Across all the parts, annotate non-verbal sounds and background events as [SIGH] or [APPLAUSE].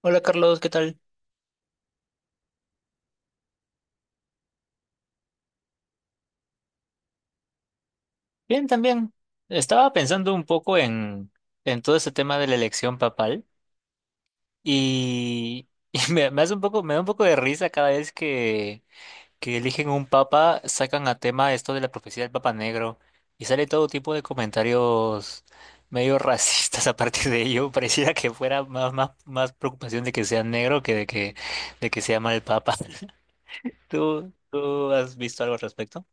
Hola Carlos, ¿qué tal? Bien, también. Estaba pensando un poco en todo ese tema de la elección papal y, [LAUGHS] y me hace un poco, me da un poco de risa cada vez que eligen un papa, sacan a tema esto de la profecía del Papa Negro y sale todo tipo de comentarios medio [LAUGHS] racistas a partir de ello. Pareciera que fuera más preocupación de que sea negro que de que sea mal papa. [LAUGHS] ¿Tú has visto algo al respecto?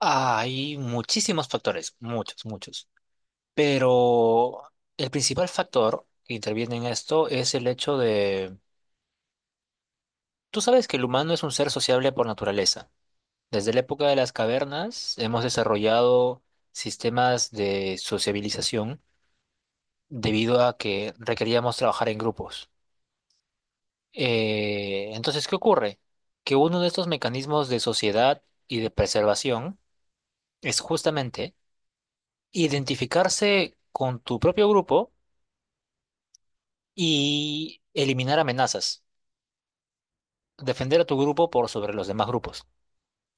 Hay muchísimos factores, muchos. Pero el principal factor que interviene en esto es el hecho de... Tú sabes que el humano es un ser sociable por naturaleza. Desde la época de las cavernas hemos desarrollado sistemas de sociabilización debido a que requeríamos trabajar en grupos. Entonces, ¿qué ocurre? Que uno de estos mecanismos de sociedad y de preservación es justamente identificarse con tu propio grupo y eliminar amenazas, defender a tu grupo por sobre los demás grupos.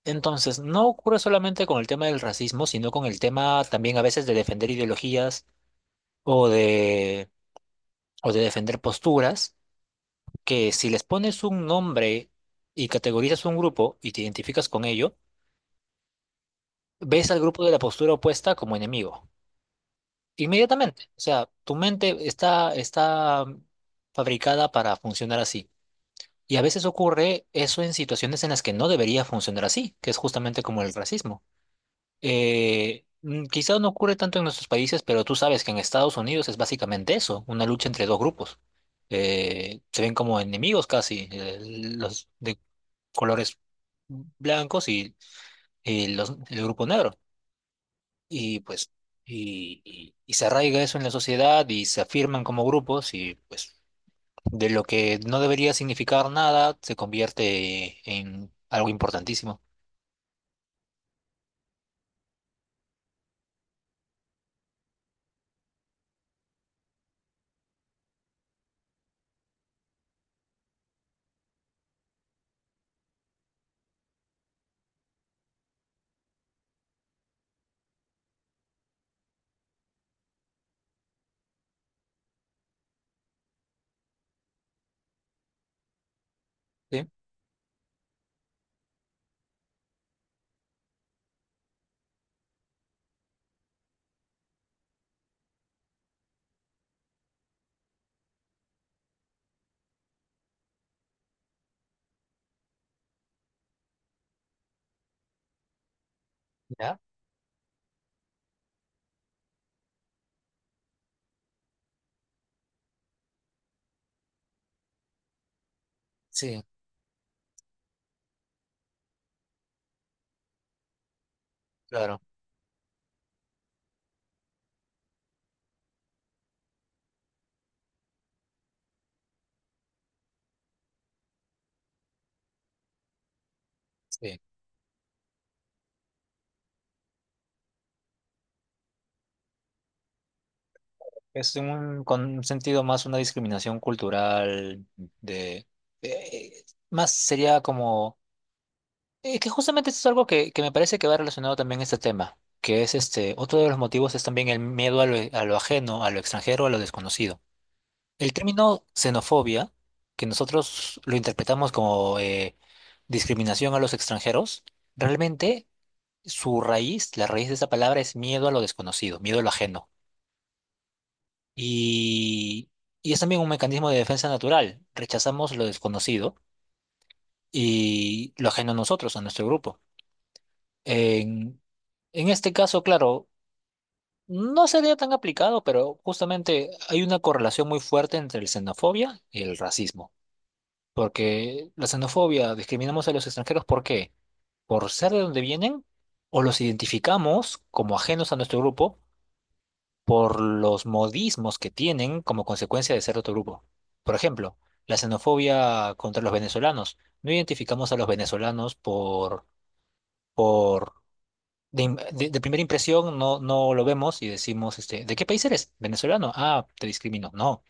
Entonces, no ocurre solamente con el tema del racismo, sino con el tema también a veces de defender ideologías o de, o de defender posturas, que si les pones un nombre y categorizas un grupo y te identificas con ello, ves al grupo de la postura opuesta como enemigo. Inmediatamente. O sea, tu está fabricada para funcionar así. Y a veces ocurre eso en situaciones en las que no debería funcionar así, que es justamente como el racismo. Quizá no ocurre tanto en nuestros países, pero tú sabes que en Estados Unidos es básicamente eso, una lucha entre dos grupos. Se ven como enemigos casi, los de colores blancos y el grupo negro. Y pues, y se arraiga eso en la sociedad y se afirman como grupos y pues de lo que no debería significar nada, se convierte en algo importantísimo. ¿Sí? ¿Ya? Sí, claro. Sí. Es un, con un sentido más una discriminación cultural de, de- más sería como que justamente esto es algo que me parece que va relacionado también a este tema, que es este, otro de los motivos es también el miedo a a lo ajeno, a lo extranjero, a lo desconocido. El término xenofobia, que nosotros lo interpretamos como discriminación a los extranjeros, realmente su raíz, la raíz de esa palabra es miedo a lo desconocido, miedo a lo ajeno. Y, y es también un mecanismo de defensa natural. Rechazamos lo desconocido y lo ajeno a nosotros, a nuestro grupo. En, en este caso, claro, no sería tan aplicado, pero justamente hay una correlación muy fuerte entre la xenofobia y el racismo. Porque la xenofobia, discriminamos a los extranjeros, ¿por qué? ¿Por ser de donde vienen? ¿O los identificamos como ajenos a nuestro grupo por los modismos que tienen como consecuencia de ser de otro grupo? Por ejemplo, la xenofobia contra los venezolanos. No identificamos a los venezolanos por de primera impresión, no, no lo vemos y decimos, este, ¿de qué país eres? Venezolano. Ah, te discrimino. No.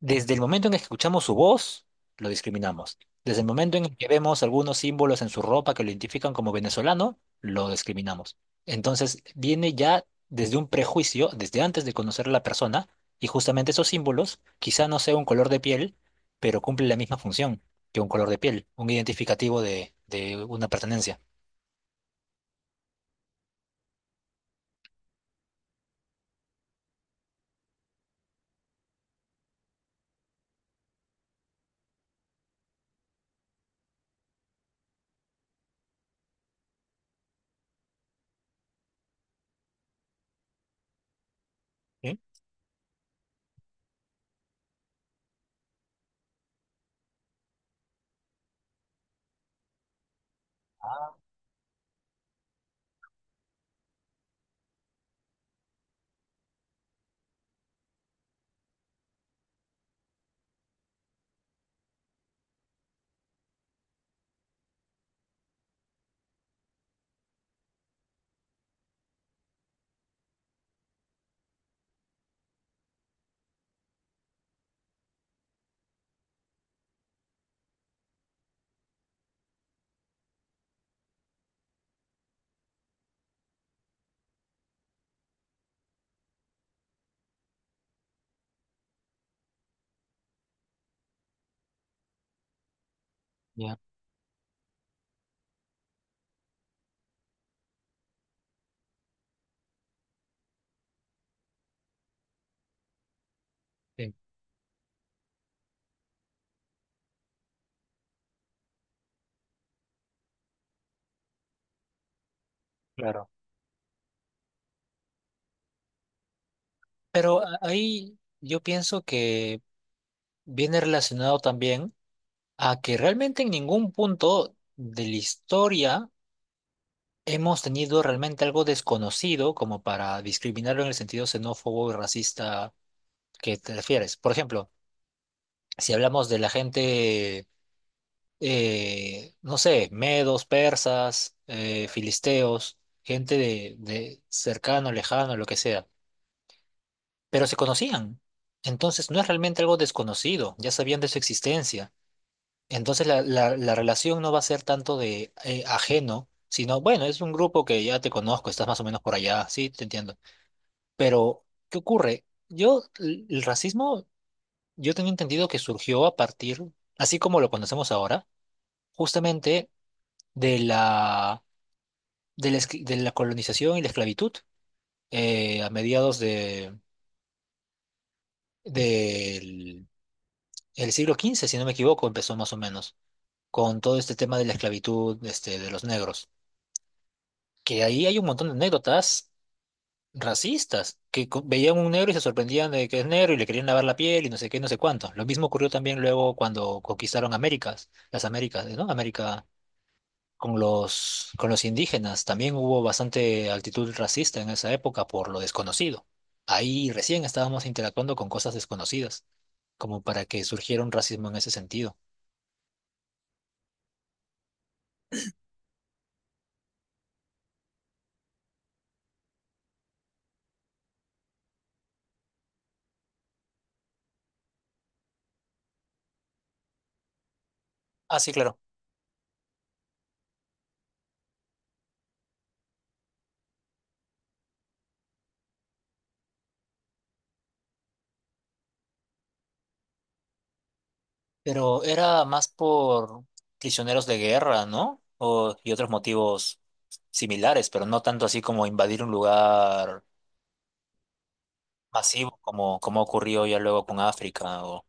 Desde el momento en que escuchamos su voz, lo discriminamos. Desde el momento en el que vemos algunos símbolos en su ropa que lo identifican como venezolano, lo discriminamos. Entonces, viene ya desde un prejuicio, desde antes de conocer a la persona, y justamente esos símbolos, quizá no sea un color de piel, pero cumple la misma función que un color de piel, un identificativo de una pertenencia. ¿Sí? Ah, ya, sí, claro. Pero ahí yo pienso que viene relacionado también a que realmente en ningún punto de la historia hemos tenido realmente algo desconocido como para discriminarlo en el sentido xenófobo y racista que te refieres. Por ejemplo, si hablamos de la gente, no sé, medos, persas, filisteos, gente de cercano, lejano, lo que sea, pero se conocían. Entonces no es realmente algo desconocido, ya sabían de su existencia. Entonces la relación no va a ser tanto de ajeno, sino, bueno, es un grupo que ya te conozco, estás más o menos por allá, sí, te entiendo. Pero, ¿qué ocurre? Yo, el racismo, yo tengo entendido que surgió a partir, así como lo conocemos ahora, justamente de la, de la colonización y la esclavitud a mediados del el siglo XV, si no me equivoco, empezó más o menos, con todo este tema de la esclavitud este, de los negros, que ahí hay un montón de anécdotas racistas, que veían un negro y se sorprendían de que es negro y le querían lavar la piel y no sé qué, no sé cuánto. Lo mismo ocurrió también luego cuando conquistaron Américas, las Américas, ¿no? América con con los indígenas. También hubo bastante actitud racista en esa época por lo desconocido. Ahí recién estábamos interactuando con cosas desconocidas, como para que surgiera un racismo en ese sentido. Ah, sí, claro. Pero era más por prisioneros de guerra, ¿no? O, y otros motivos similares, pero no tanto así como invadir un lugar masivo como, como ocurrió ya luego con África. O,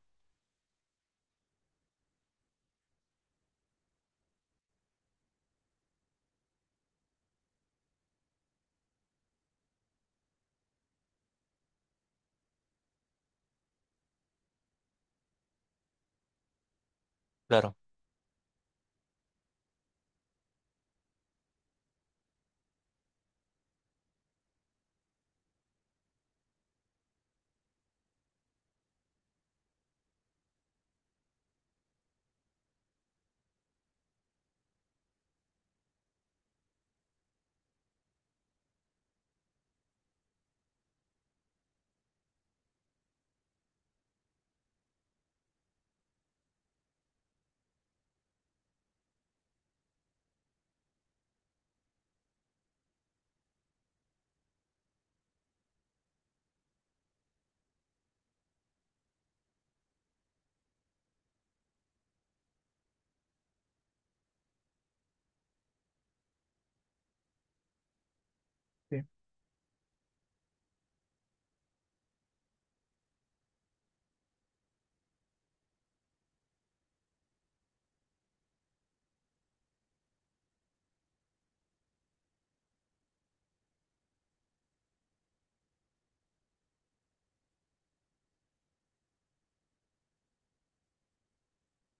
claro.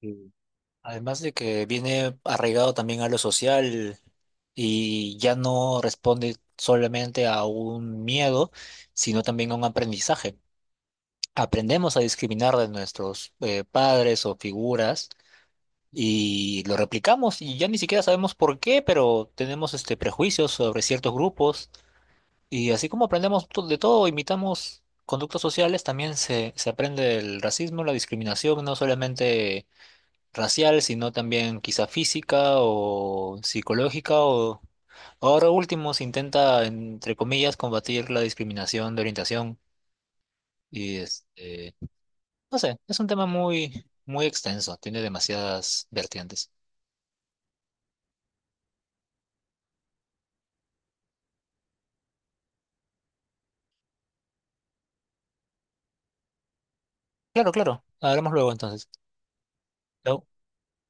Sí. Además de que viene arraigado también a lo social y ya no responde solamente a un miedo, sino también a un aprendizaje. Aprendemos a discriminar de nuestros padres o figuras y lo replicamos y ya ni siquiera sabemos por qué, pero tenemos este prejuicios sobre ciertos grupos y así como aprendemos de todo, imitamos conductas sociales, también se aprende el racismo, la discriminación, no solamente racial, sino también quizá física o psicológica o ahora último se intenta, entre comillas, combatir la discriminación de orientación y este, no sé, es un tema muy extenso, tiene demasiadas vertientes. Claro, claro. Hablamos luego entonces. No.